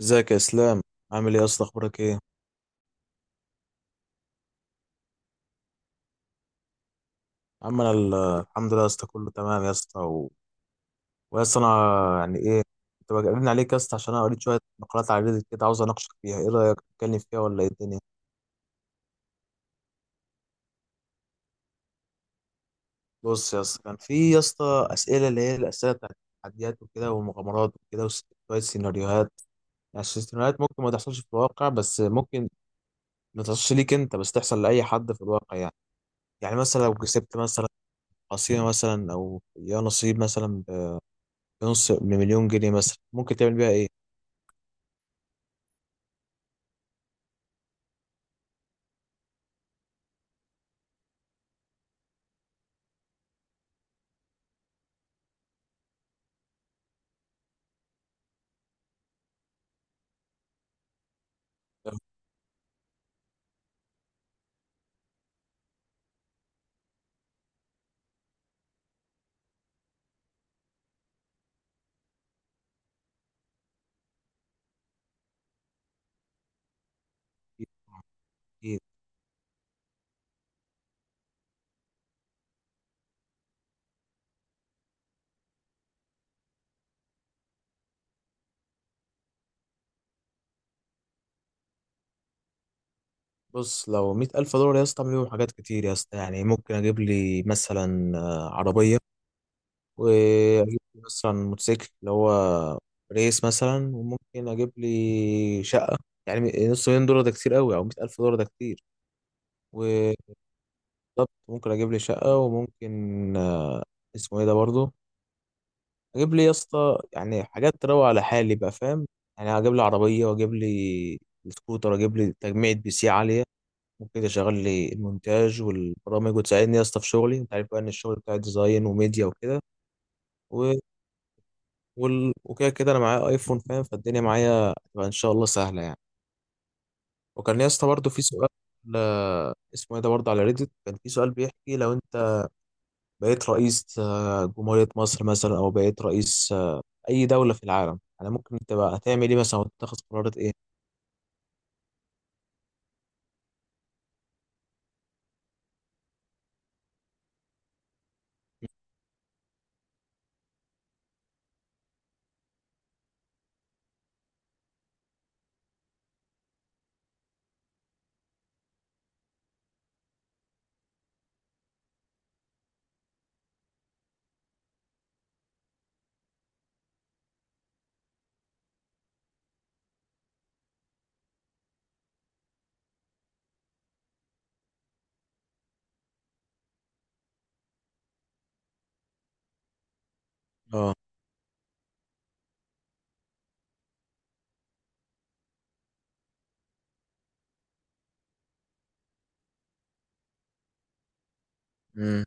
ازيك يا اسلام؟ عامل ايه يا اسطى؟ اخبارك ايه يا عم؟ انا الحمد لله يا اسطى، كله تمام يا اسطى ويا اسطى انا يعني ايه كنت بجنن عليك يا اسطى، عشان انا قريت شويه مقالات على ريديت كده، عاوز اناقشك فيها. ايه رايك تتكلم فيها ولا ايه الدنيا؟ بص يا اسطى، كان في يا اسطى اسئله، اللي هي الاسئله بتاعت التحديات وكده والمغامرات وكده شويه سيناريوهات. يعني السيناريوهات ممكن ما تحصلش في الواقع، بس ممكن ما تحصلش ليك انت، بس تحصل لاي حد في الواقع يعني. يعني مثلا لو كسبت مثلا قصيمه مثلا او يا نصيب مثلا نص مليون جنيه مثلا، ممكن تعمل بيها ايه؟ لو كتير. بص لو مية ألف دولار يا اسطى أعمل بيهم حاجات كتير يا اسطى. يعني ممكن أجيب لي مثلا عربية، وأجيب لي مثلا موتوسيكل اللي هو ريس مثلا، وممكن أجيب لي شقة. يعني نص مليون دولار ده كتير قوي، أو مية ألف دولار ده كتير، وبالظبط ممكن أجيب لي شقة. وممكن اسمه ايه ده برضه، اجيب لي يا اسطى يعني حاجات تروق على حالي بقى، فاهم؟ يعني اجيب لي عربيه، واجيب لي سكوتر، اجيب لي تجميعة بي سي عاليه ممكن اشغل لي المونتاج والبرامج، وتساعدني يا اسطى في شغلي. انت عارف بقى ان الشغل بتاع ديزاين وميديا وكده و... وكده كده، انا معايا ايفون فاهم، فالدنيا معايا تبقى ان شاء الله سهله يعني. وكان يا اسطى برضه في سؤال، اسمه ايه ده برضه، على ريديت كان في سؤال بيحكي لو انت بقيت رئيس جمهورية مصر مثلا، او بقيت رئيس اي دوله في العالم انا، ممكن تبقى هتعمل ايه مثلا، وتاخد قرارات ايه؟ اه، امم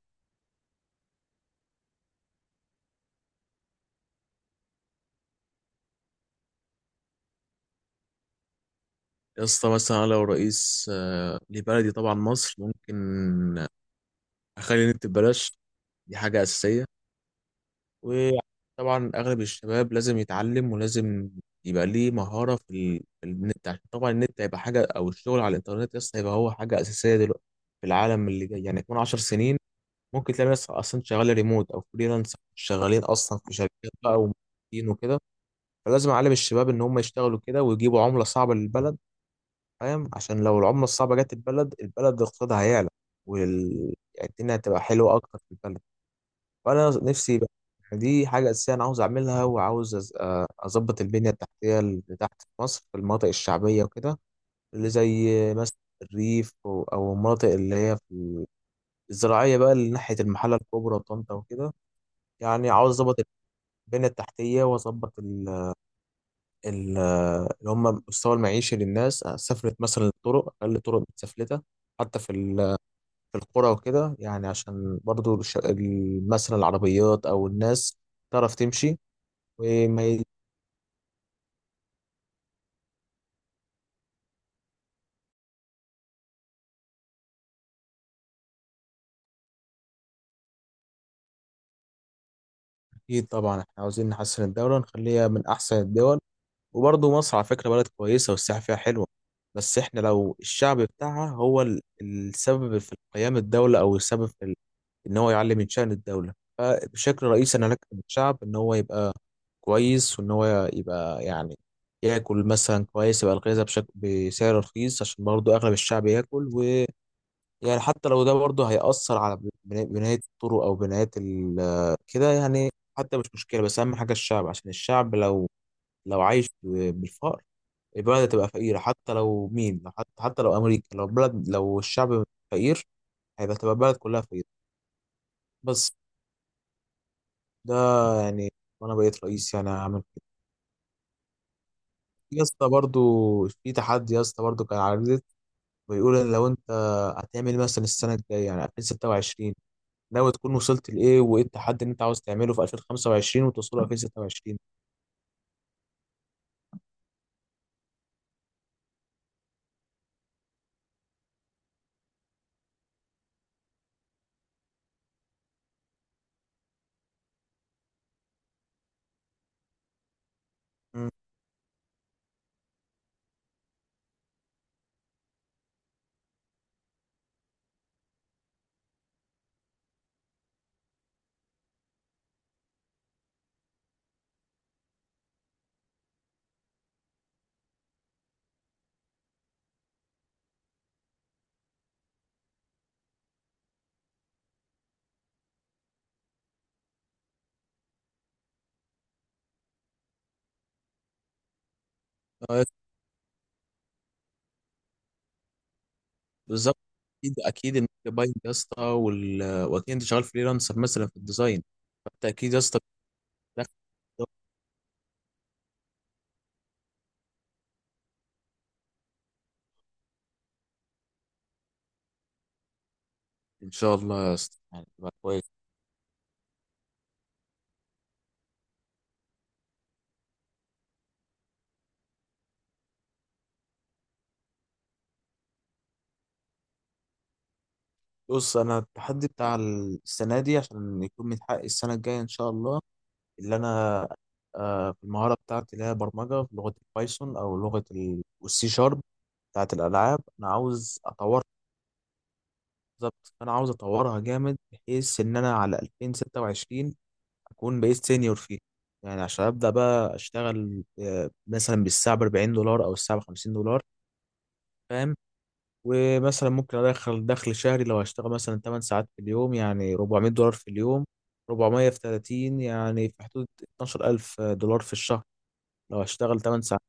يا اسطى مثلا أنا لو رئيس لبلدي طبعا مصر، ممكن اخلي النت ببلاش. دي حاجه اساسيه. وطبعا اغلب الشباب لازم يتعلم، ولازم يبقى ليه مهاره في، في النت. عشان طبعا النت هيبقى حاجه، او الشغل على الانترنت يا اسطى هيبقى هو حاجه اساسيه دلوقتي في العالم اللي جاي. يعني كمان 10 سنين ممكن تلاقي ناس اصلا شغاله ريموت او فريلانس، شغالين اصلا في شركات بقى، وموظفين وكده. فلازم اعلم الشباب ان هم يشتغلوا كده ويجيبوا عمله صعبه للبلد، فاهم؟ عشان لو العمله الصعبه جت البلد اقتصادها هيعلى. وال يعني الدنيا هتبقى حلوه اكتر في البلد. وانا نفسي بقى يعني دي حاجه اساسيه انا عاوز اعملها. وعاوز اظبط البنيه التحتيه اللي تحت في مصر، في المناطق الشعبيه وكده، اللي زي مثلا الريف او المناطق اللي هي في الزراعيه بقى، اللي ناحيه المحله الكبرى وطنطا وكده. يعني عاوز اظبط البنيه التحتيه، واظبط ال- اللي هم مستوى المعيشي للناس. سافلت مثلا الطرق، أقل الطرق متسفلتة حتى في القرى وكده، يعني عشان برضو مثلا العربيات أو الناس تعرف تمشي وما ي- أكيد طبعا إحنا عاوزين نحسن الدولة، نخليها من أحسن الدول. وبرضو مصر على فكرة بلد كويسة، والسياحة فيها حلوة. بس إحنا لو الشعب بتاعها هو السبب في قيام الدولة، أو السبب في ان هو يعلي من شأن الدولة. فبشكل رئيسي انا لك الشعب ان هو يبقى كويس، وان هو يبقى يعني ياكل مثلا كويس، يبقى الغذاء بشكل بسعر رخيص. عشان برضو اغلب الشعب ياكل ويعني حتى لو ده برضو هيأثر على بناية الطرق، او كده يعني، حتى مش مشكلة. بس اهم حاجة الشعب، عشان الشعب لو عايش بالفقر، البلد هتبقى فقيرة. حتى لو مين، حتى لو امريكا، لو بلد، لو الشعب فقير، هيبقى تبقى البلد كلها فقيرة. بس ده يعني، وانا بقيت رئيس يعني هعمل كده. في يا اسطى برضو في تحدي يا اسطى، برضو كان على ريدت، بيقول ان لو انت هتعمل إيه مثلا السنه الجايه يعني 2026، ناوي تكون وصلت لايه؟ وايه التحدي اللي انت عاوز تعمله في 2025 وتوصله 2026؟ مم. آه، بالظبط، اكيد اكيد ان انت باين يا اسطى واكيد انت شغال فريلانسر مثلا في الديزاين. فانت اكيد يا اسطى بتدخل ده، ان شاء الله يا اسطى يعني تبقى كويس. بص انا التحدي بتاع السنه دي عشان يكون متحقق السنه الجايه ان شاء الله، اللي انا في المهاره بتاعتي اللي هي برمجه في لغه البايثون، او لغه السي شارب بتاعت الالعاب، انا عاوز اطورها. بالظبط انا عاوز اطورها جامد، بحيث ان انا على 2026 اكون بقيت سينيور فيها. يعني عشان ابدا بقى اشتغل مثلا بالساعه ب $40، او الساعه ب $50، فاهم؟ ومثلا ممكن ادخل دخل شهري. لو هشتغل مثلا 8 ساعات في اليوم يعني $400 في اليوم، 400 في 30 يعني في حدود $12,000 في الشهر، لو هشتغل 8 ساعات.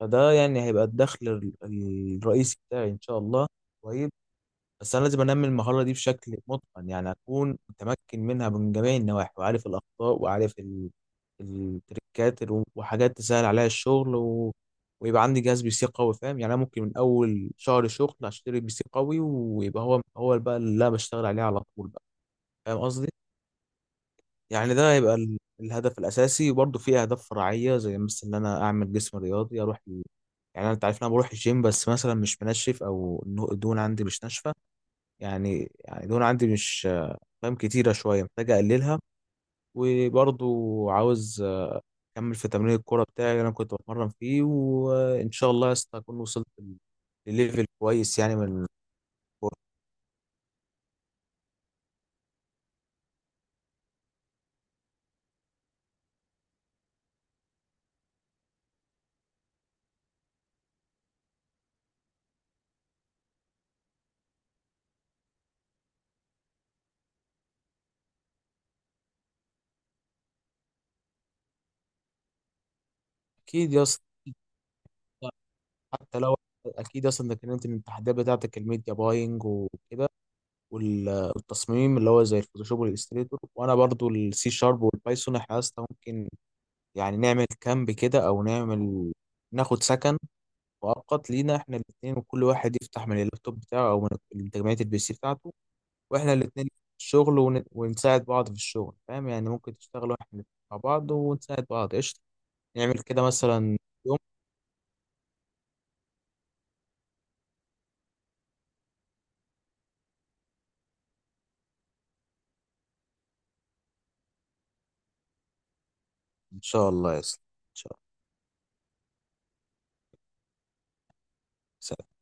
فده يعني هيبقى الدخل الرئيسي بتاعي ان شاء الله. طيب، بس انا لازم انمي المهاره دي بشكل متقن، يعني اكون متمكن منها من جميع النواحي، وعارف الاخطاء، وعارف التريكات وحاجات تسهل عليا الشغل ويبقى عندي جهاز بي سي قوي، فاهم؟ يعني انا ممكن من اول شهر شغل اشتري بي سي قوي، ويبقى هو هو بقى اللي انا بشتغل عليه على طول بقى، فاهم قصدي؟ يعني ده هيبقى الهدف الأساسي. وبرضه في أهداف فرعية، زي مثلا إن أنا أعمل جسم رياضي، أروح يعني أنت عارف إن أنا بروح الجيم، بس مثلا مش منشف، أو الدهون عندي مش ناشفة. يعني يعني الدهون عندي مش، فاهم، كتيرة شوية، محتاج أقللها. وبرضه عاوز أكمل في تمرين الكورة بتاعي اللي أنا كنت بتمرن فيه، وإن شاء الله يا اسطى أكون وصلت لليفل كويس يعني من. أكيد يا اسطى، حتى لو، أكيد أصلا إنك إنت من التحديات بتاعتك الميديا باينج وكده وال- والتصميم اللي هو زي الفوتوشوب والاستريتور، وانا برضو السي شارب والبايثون، احنا يا اسطى ممكن يعني نعمل كامب كده، او نعمل ناخد سكن مؤقت لينا احنا الاثنين، وكل واحد يفتح من اللابتوب بتاعه، او من تجميعة البي سي بتاعته. واحنا الاثنين الشغل ونساعد بعض في الشغل، فاهم؟ يعني ممكن تشتغلوا احنا الاتنين مع بعض ونساعد بعض، قشطة. نعمل كده مثلا يوم. ان شاء الله يا اسطى، ان شاء الله.